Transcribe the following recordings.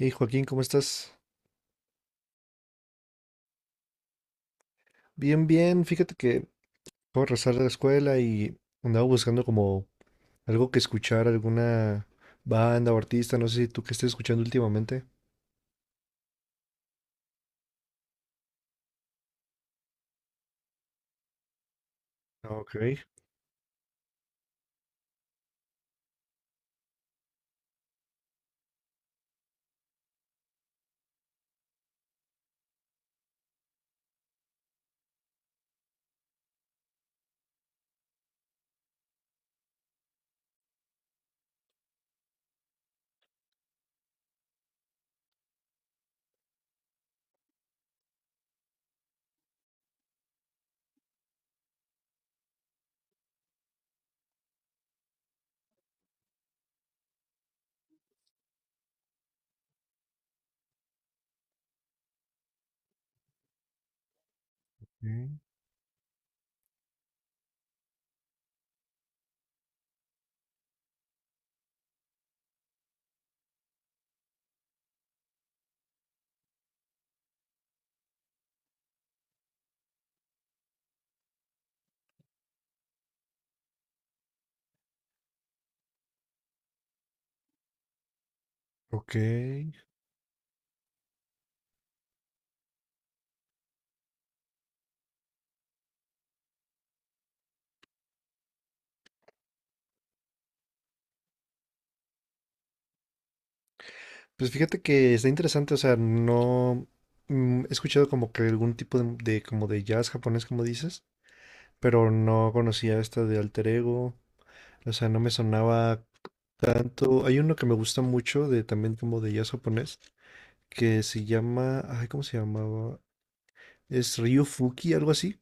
Hey Joaquín, ¿cómo estás? Bien, bien. Fíjate que acabo de regresar de la escuela y andaba buscando como algo que escuchar, alguna banda o artista, no sé si tú qué estés escuchando últimamente. Ok, mm, ok. Pues fíjate que está interesante, o sea, no he escuchado como que algún tipo de como de jazz japonés, como dices, pero no conocía esta de Alter Ego, o sea, no me sonaba tanto. Hay uno que me gusta mucho de también como de jazz japonés, que se llama, ay, ¿cómo se llamaba? Es Ryufuki, algo así,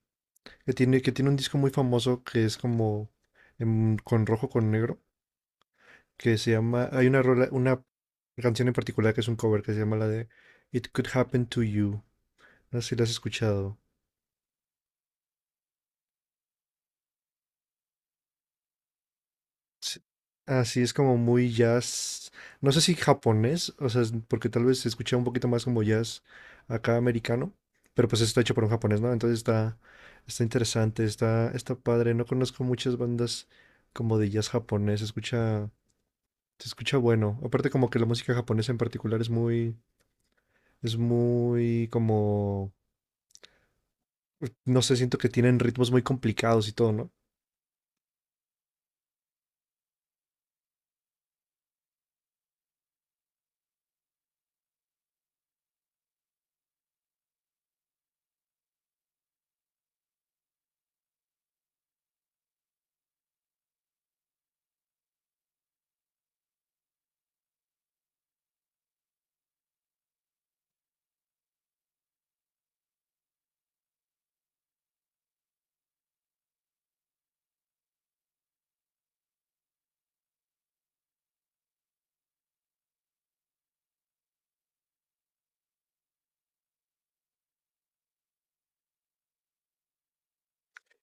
que tiene un disco muy famoso que es como con rojo con negro, que se llama, hay una rola, una canción en particular que es un cover que se llama la de It Could Happen to You. No sé si la has escuchado. Sí, así es como muy jazz, no sé si japonés, o sea, porque tal vez se escucha un poquito más como jazz acá americano, pero pues está hecho por un japonés, ¿no? Entonces está, está interesante, está, está padre. No conozco muchas bandas como de jazz japonés, se escucha bueno. Aparte como que la música japonesa en particular es muy como, no sé, siento que tienen ritmos muy complicados y todo, ¿no?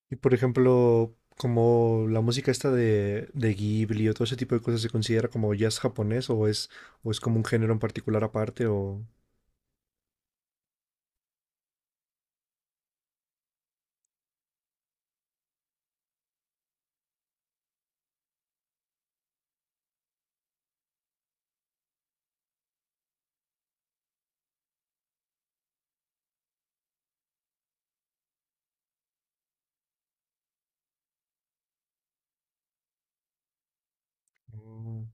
Y por ejemplo, como la música esta de Ghibli o todo ese tipo de cosas se considera como jazz japonés o es como un género en particular aparte o... No,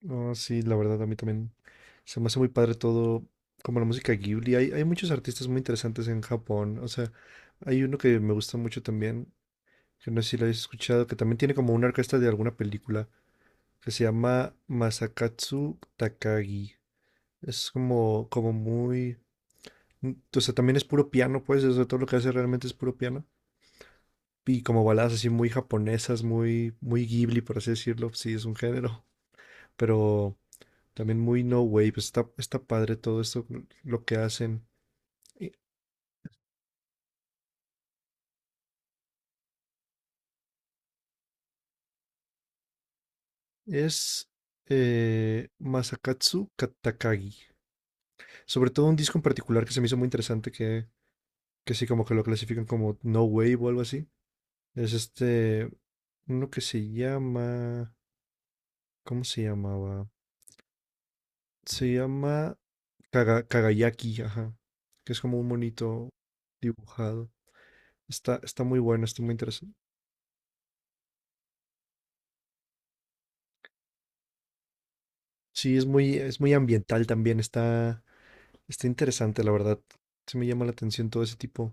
no, sí, la verdad a mí también se me hace muy padre todo, como la música Ghibli. Hay muchos artistas muy interesantes en Japón. O sea, hay uno que me gusta mucho también, que no sé si lo habéis escuchado, que también tiene como una orquesta de alguna película, que se llama Masakatsu Takagi. Es como, como muy... O sea, también es puro piano, pues, o sea, todo lo que hace realmente es puro piano. Y como baladas así muy japonesas, muy, muy Ghibli, por así decirlo, sí, es un género, pero también muy no wave, pues, está, está padre todo esto, lo que hacen. Y es Masakatsu Katakagi. Sobre todo un disco en particular que se me hizo muy interesante, que sí, como que lo clasifican como no wave o algo así. Es este, uno que se llama, ¿cómo se llamaba? Se llama Kagayaki, ajá, que es como un monito dibujado. Está, está muy bueno, está muy interesante. Sí, es muy ambiental también, está, está interesante, la verdad. Se me llama la atención todo ese tipo.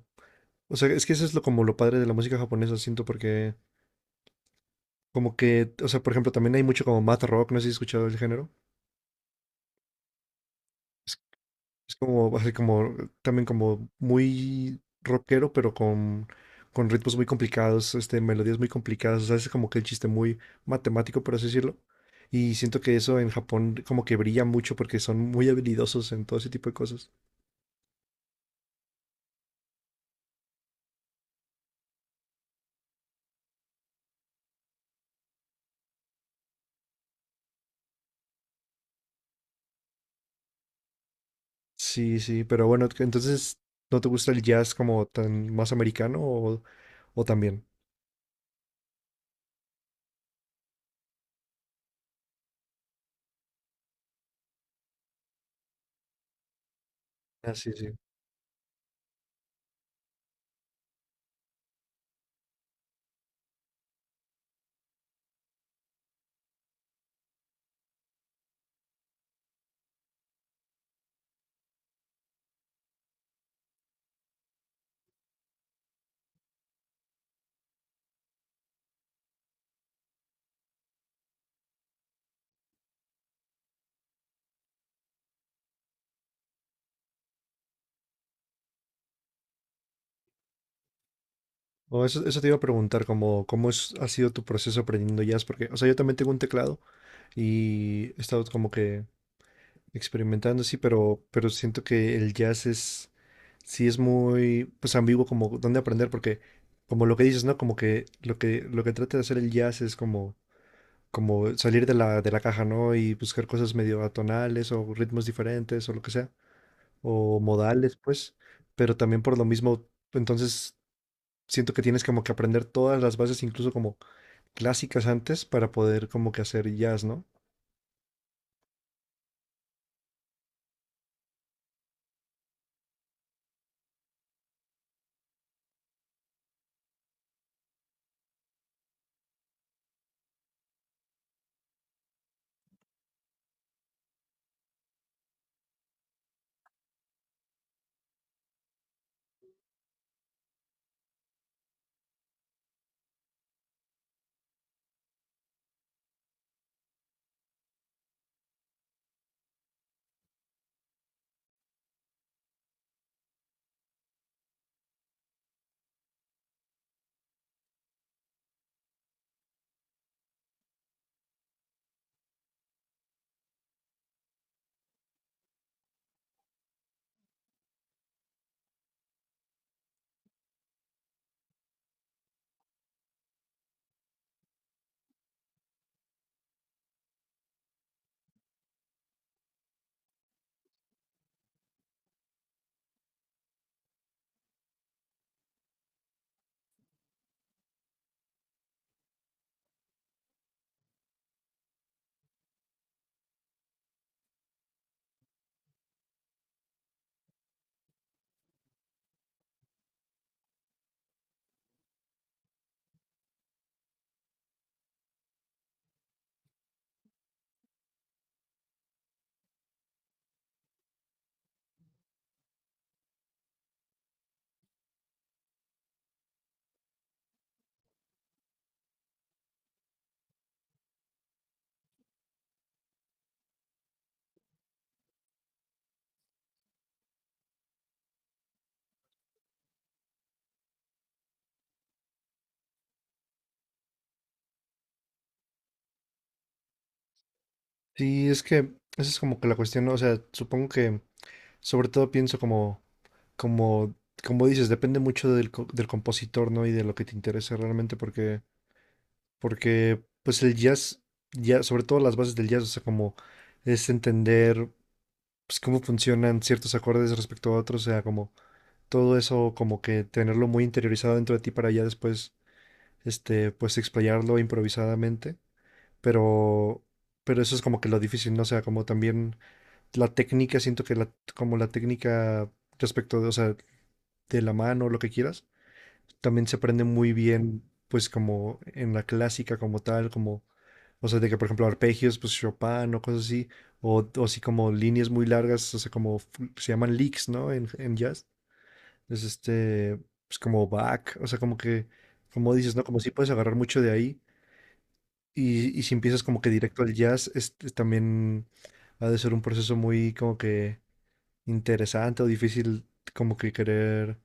O sea, es que eso es lo como lo padre de la música japonesa, siento, porque como que, o sea, por ejemplo, también hay mucho como math rock, no sé si has escuchado el género. Es como, así como, también como muy rockero, pero con ritmos muy complicados, este, melodías muy complicadas, o sea, es como que el chiste muy matemático, por así decirlo. Y siento que eso en Japón como que brilla mucho porque son muy habilidosos en todo ese tipo de cosas. Sí, sí, pero bueno, que entonces, ¿no te gusta el jazz como tan más americano o también? Ah, sí, sí. O eso te iba a preguntar, como, ¿cómo ha sido tu proceso aprendiendo jazz? Porque, o sea, yo también tengo un teclado y he estado como que experimentando, sí, pero siento que el jazz es, sí es muy, pues ambiguo como dónde aprender, porque como lo que dices, ¿no? Como que lo que, lo que trata de hacer el jazz es como, como salir de la caja, ¿no? Y buscar cosas medio atonales o ritmos diferentes o lo que sea, o modales, pues, pero también por lo mismo, entonces siento que tienes como que aprender todas las bases, incluso como clásicas antes, para poder como que hacer jazz, ¿no? Sí, es que esa es como que la cuestión, ¿no? O sea, supongo que... Sobre todo pienso como, como, como dices, depende mucho del, del compositor, ¿no? Y de lo que te interese realmente, porque, porque, pues el jazz, ya, sobre todo las bases del jazz, o sea, como es entender, pues, cómo funcionan ciertos acordes respecto a otros, o sea, como todo eso, como que tenerlo muy interiorizado dentro de ti para ya después, este, pues explayarlo improvisadamente, pero, pero eso es como que lo difícil, ¿no? O sea, como también la técnica, siento que la, como la técnica respecto de, o sea, de la mano, lo que quieras. También se aprende muy bien, pues como en la clásica como tal, como, o sea, de que por ejemplo arpegios, pues Chopin o cosas así, o así como líneas muy largas, o sea, como se llaman licks, ¿no? En jazz. Es este, pues como back, o sea, como que, como dices, ¿no? Como si puedes agarrar mucho de ahí. Y si empiezas como que directo al jazz, es también ha de ser un proceso muy como que interesante o difícil como que querer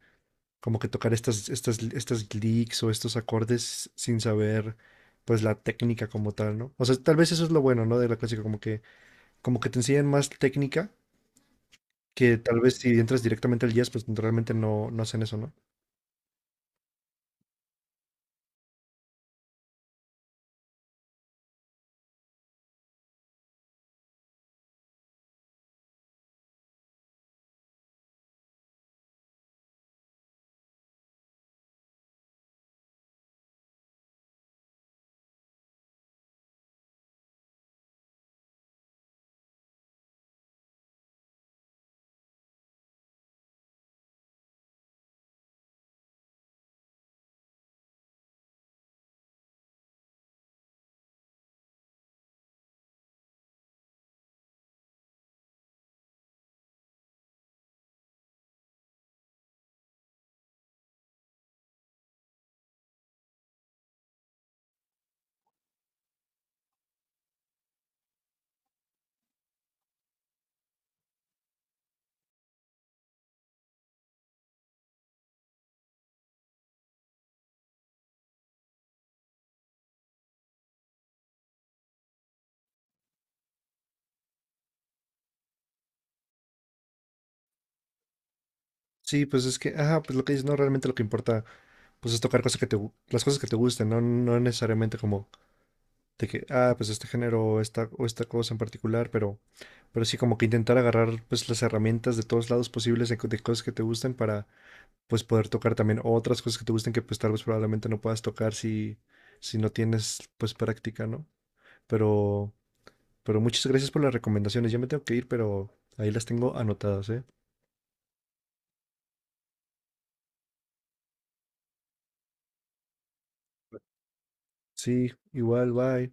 como que tocar estas, estas, estas licks o estos acordes sin saber pues la técnica como tal, ¿no? O sea, tal vez eso es lo bueno, ¿no? De la clásica, como que te enseñan más técnica que tal vez si entras directamente al jazz, pues realmente no, no hacen eso, ¿no? Sí, pues es que, ajá, pues lo que dices, no, realmente lo que importa, pues es tocar cosas que te, las cosas que te gusten, ¿no? No necesariamente como de que, ah, pues este género o esta cosa en particular, pero sí como que intentar agarrar pues las herramientas de todos lados posibles de, de cosas que te gusten para pues poder tocar también otras cosas que te gusten que pues tal vez probablemente no puedas tocar si, si no tienes pues práctica, ¿no? Pero, pero muchas gracias por las recomendaciones. Ya me tengo que ir, pero ahí las tengo anotadas, ¿eh? Sí, igual, bye.